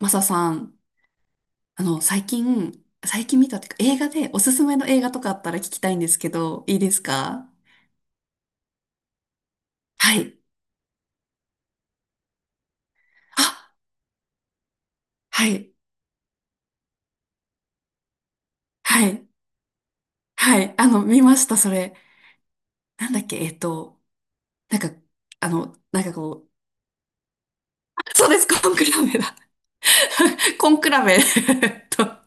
マサさん、最近、最近見たっていうか、映画で、おすすめの映画とかあったら聞きたいんですけど、いいですか？はい。あ、はい。はい。はい。見ました、それ。なんだっけ、えっと、なんか、あの、なんかこう、あ、そうです、コンクラベだ。コンクラベ。 えっと、なんか、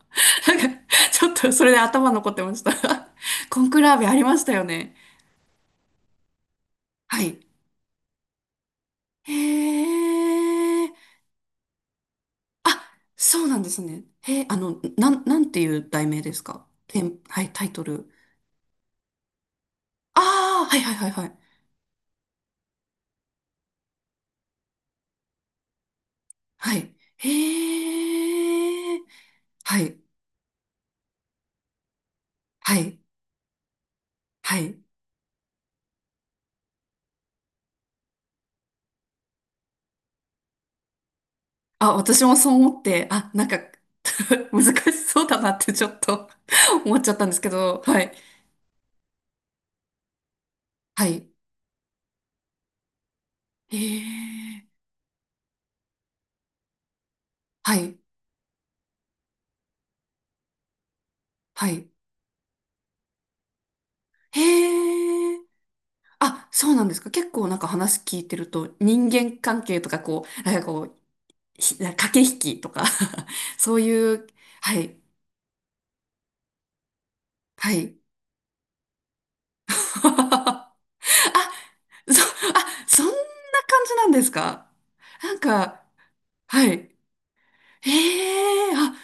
ちょっと、それで頭残ってました。コンクラベありましたよね。はい。へー。あ、そうなんですね。へえ、なんていう題名ですか？テン、はい、タイトル。ああ、はいはいはいはい。はい。へえ。はい、はい、はい。あ、私もそう思って、あ、なんか、 難しそうだなってちょっと、 思っちゃったんですけど、はい、はい。へえ、はい、はい。へえ。あ、そうなんですか。結構なんか話聞いてると、人間関係とかこう、なんかこう、駆け引きとか、 そういう、はい、はい。あ、そ、あ、そんな感じなんですか？なんか、はい。ええ、あ、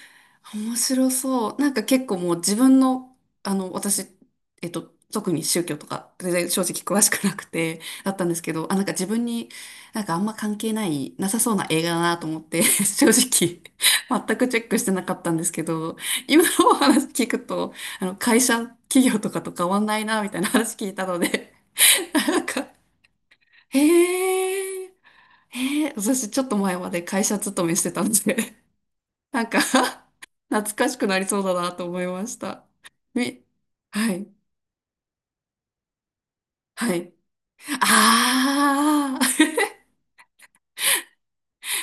面白そう。なんか結構もう自分の、あの、私、えっと、特に宗教とか、全然正直詳しくなくて、だったんですけど、あ、なんか自分に、なんかあんま関係ない、なさそうな映画だなと思って、正直、全くチェックしてなかったんですけど、今のお話聞くと、会社、企業とかと変わんないな、みたいな、 話聞いたので、なんか、へえ、へえ、私ちょっと前まで会社勤めしてたんで、なんか 懐かしくなりそうだなと思いました。み、はい、はい。ああ。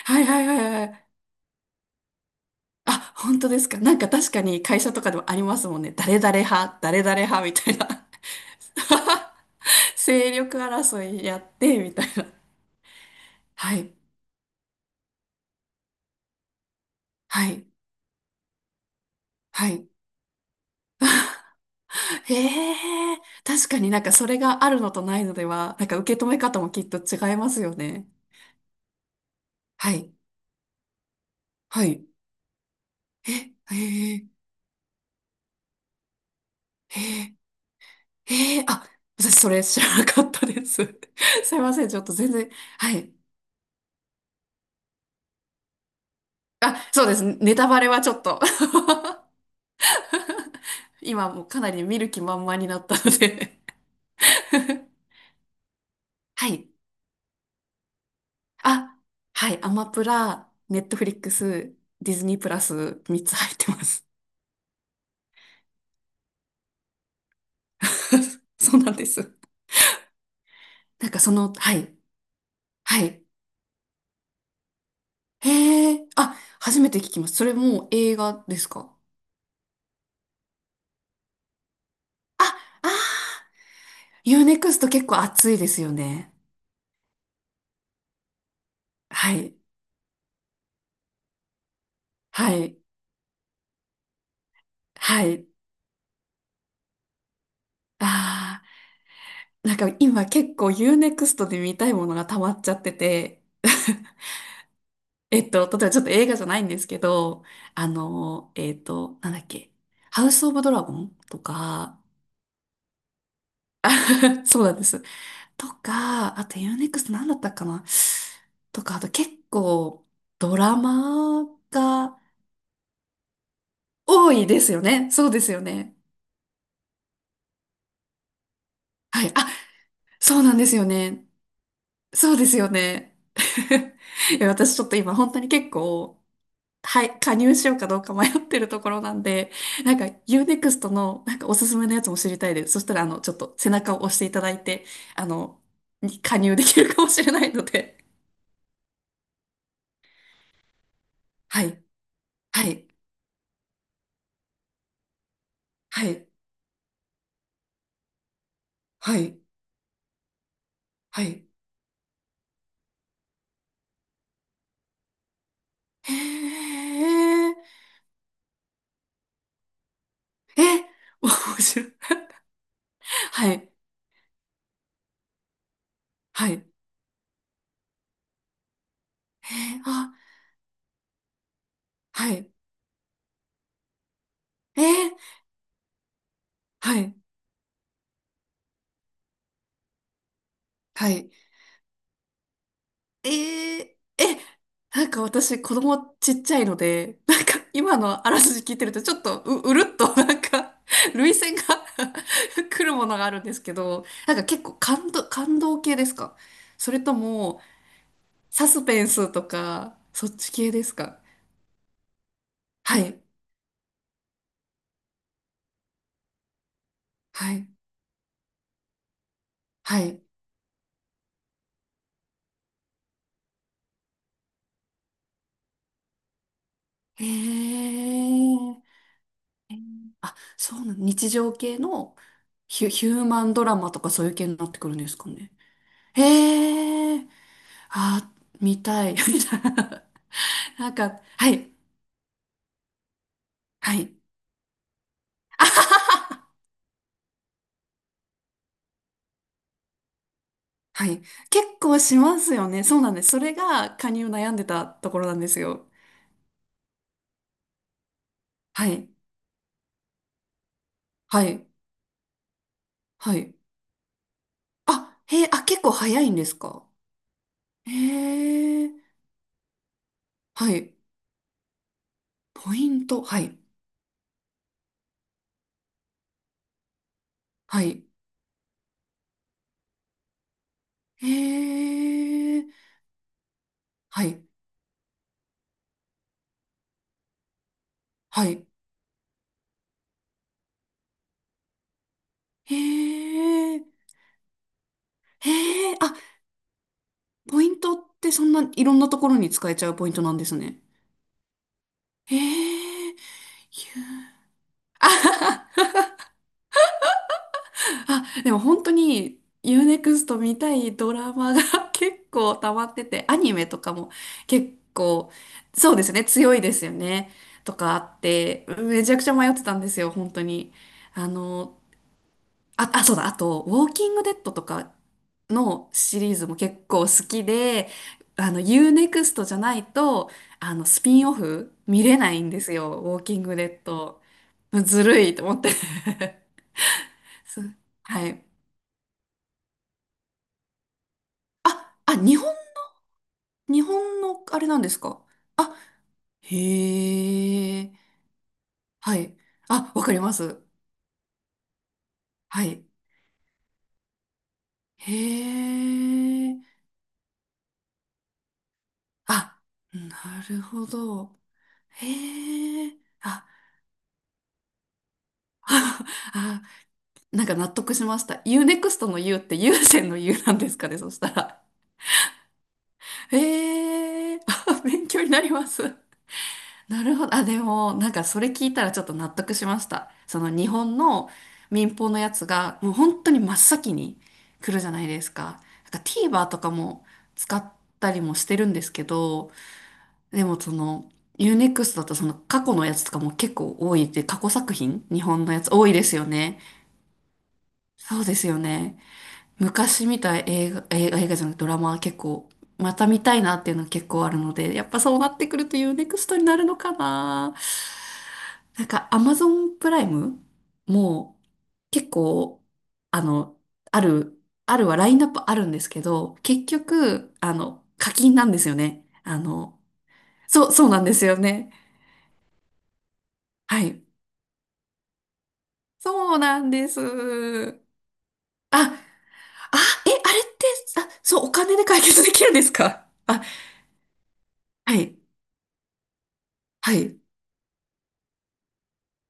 はいはいはいはい。あ、本当ですか。なんか確かに会社とかでもありますもんね。誰々派、誰々派みたいな。勢力争いやってみたいな。はい、はい、はい。へえ、確かになんかそれがあるのとないのでは、なんか受け止め方もきっと違いますよね。はい、はい。え、へえ、へえ。ええ、あ、私それ知らなかったです。すいません、ちょっと全然。はい。あ、そうです。ネタバレはちょっと。 今もうかなり見る気満々になったので。 はい。あ、はい。アマプラ、ネットフリックス、ディズニープラス3つ入ってます。そうなんです。なんかその、はい。はい。へえ、あ、初めて聞きます。それもう映画ですか？あ、あー、ユーネクスト結構熱いですよね。はい。はい。はい。ああ、なんか今結構 u ネクストで見たいものが溜まっちゃってて、えっと、例えばちょっと映画じゃないんですけど、あの、えっと、なんだっけ、ハウス・オブ・ドラゴンとか、そうなんです。とか、あと u ネクストなんだったかな、とか、あと結構ドラマが多いですよね。そうですよね。はい。あ、そうなんですよね。そうですよね。いや私ちょっと今本当に結構、はい、加入しようかどうか迷ってるところなんで、なんか UNEXT のなんかおすすめのやつも知りたいです。そしたら、ちょっと背中を押していただいて、あの、に加入できるかもしれないので。はい、はい、はい、はい、はい。へえ、え、面白い。はい、はい、へえ、あ、はい、えー、はい、はい。えー、え、なんか私子供ちっちゃいので、なんか今のあらすじ聞いてると、ちょっとうるっと、 なんか涙腺が、 来るものがあるんですけど、なんか結構感動、感動系ですか？それともサスペンスとか、そっち系ですか？はい、はい、はい。へえ。あ、そうなの、日常系のヒューマンドラマとかそういう系になってくるんですかね。へえ。あ、見たい。みたいな。なんか、はい。はい。はい。結構しますよね。そうなんです。それが加入悩んでたところなんですよ。はい。はい。はい。あ、へえ、あ、結構早いんですか？へえ。はい。ポイント。はい。はい。へえ。はい。はい。へえ。へえ。あ、ポイントってそんないろんなところに使えちゃうポイントなんですね。へえ。あ、でも本当に u ネクスト見たいドラマが 結構溜まってて、アニメとかも結構、そうですね、強いですよね。とかあって、めちゃくちゃ迷ってたんですよ、本当に。あの、あ、あ、そうだ、あと、ウォーキングデッドとかのシリーズも結構好きで、u ネクストじゃないと、スピンオフ見れないんですよ、ウォーキングデッド。ずるいと思って。そう、はい。あ、あ、日本、日本のあれなんですか？へえ。はい。あ、わかります。はい。へえ。あ、なるほど。へえ。あ、あ、なんか納得しました。U-NEXT の U って優先の U なんですかね、そしたら。へえ。あ、勉強になります。なるほど。あ、でも、なんかそれ聞いたらちょっと納得しました。その日本の民放のやつが、もう本当に真っ先に来るじゃないですか。なんか TVer とかも使ったりもしてるんですけど、でもその、ユーネクス t だとその過去のやつとかも結構多いって、過去作品日本のやつ多いですよね。そうですよね。昔見た映画、映画、映画じゃなくてドラマは結構、また見たいなっていうのは結構あるので、やっぱそうなってくると u ネクストになるのかな。なんか Amazon プライムも結構、あの、ある、あるはラインナップあるんですけど、結局、課金なんですよね。そう、そうなんですよね。はい。そうなんです。あ、あ、え、あれって、あ、そう、お金で解決できるんですか？あ、はい。はい。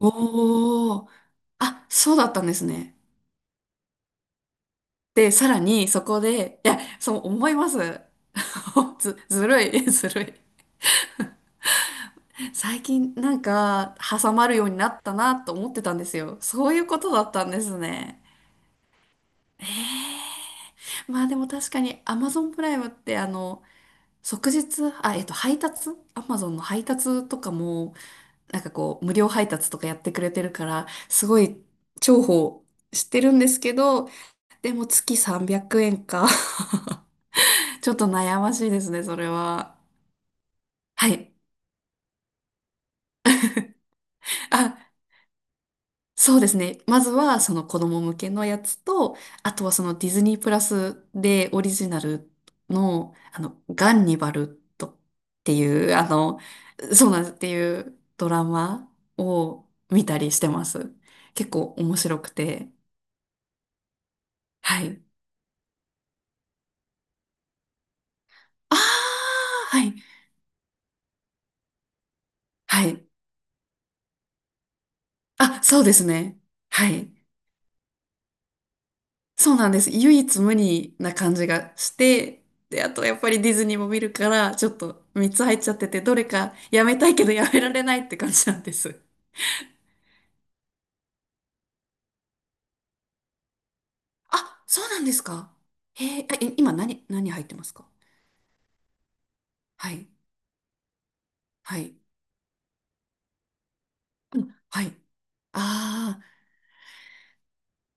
おー。あ、そうだったんですね。で、さらにそこで、いや、そう思います。ずるい、ずるい。最近なんか挟まるようになったなと思ってたんですよ。そういうことだったんですね。えー。まあでも確かに Amazon プライムって即日、あ、えっと、配達？ Amazon の配達とかも、なんかこう、無料配達とかやってくれてるから、すごい重宝してるんですけど、でも月300円か。 ちょっと悩ましいですね、それは。はい。あ、そうですね。まずはその子供向けのやつと、あとはそのディズニープラスでオリジナルの、ガンニバルとっていう、そうなんですっていうドラマを見たりしてます。結構面白くて。はい。ああ、はい。はい。あ、そうですね。はい。そうなんです。唯一無二な感じがして、で、あとやっぱりディズニーも見るから、ちょっと3つ入っちゃってて、どれかやめたいけどやめられないって感じなんです。あ、そうなんですか？へえ、今何、何入ってますか？はい、はい、うん、はい。ああ、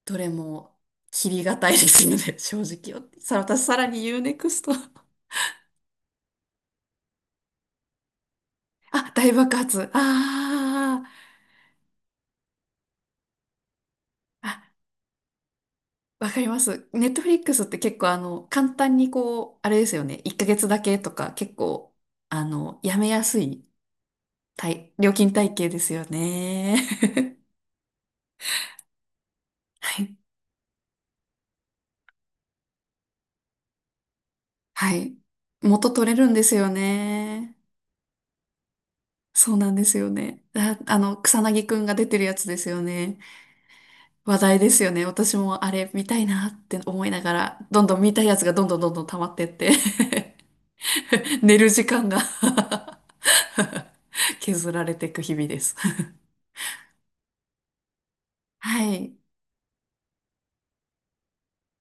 どれも切りがたいですので、正直よ。さ、私さらに u ネクスト。 あ、大爆発。ああ、あ、わかります。ネットフリックスって結構あの、簡単にこう、あれですよね。1ヶ月だけとか結構、やめやすい料金体系ですよね。はい。はい。元取れるんですよね。そうなんですよね。あ、あの、草薙くんが出てるやつですよね。話題ですよね。私もあれ見たいなって思いながら、どんどん見たいやつがどんどんどんどん溜まってって、 寝る時間が 削られていく日々です。はい。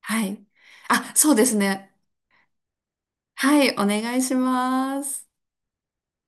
はい。あ、そうですね。はい、お願いします。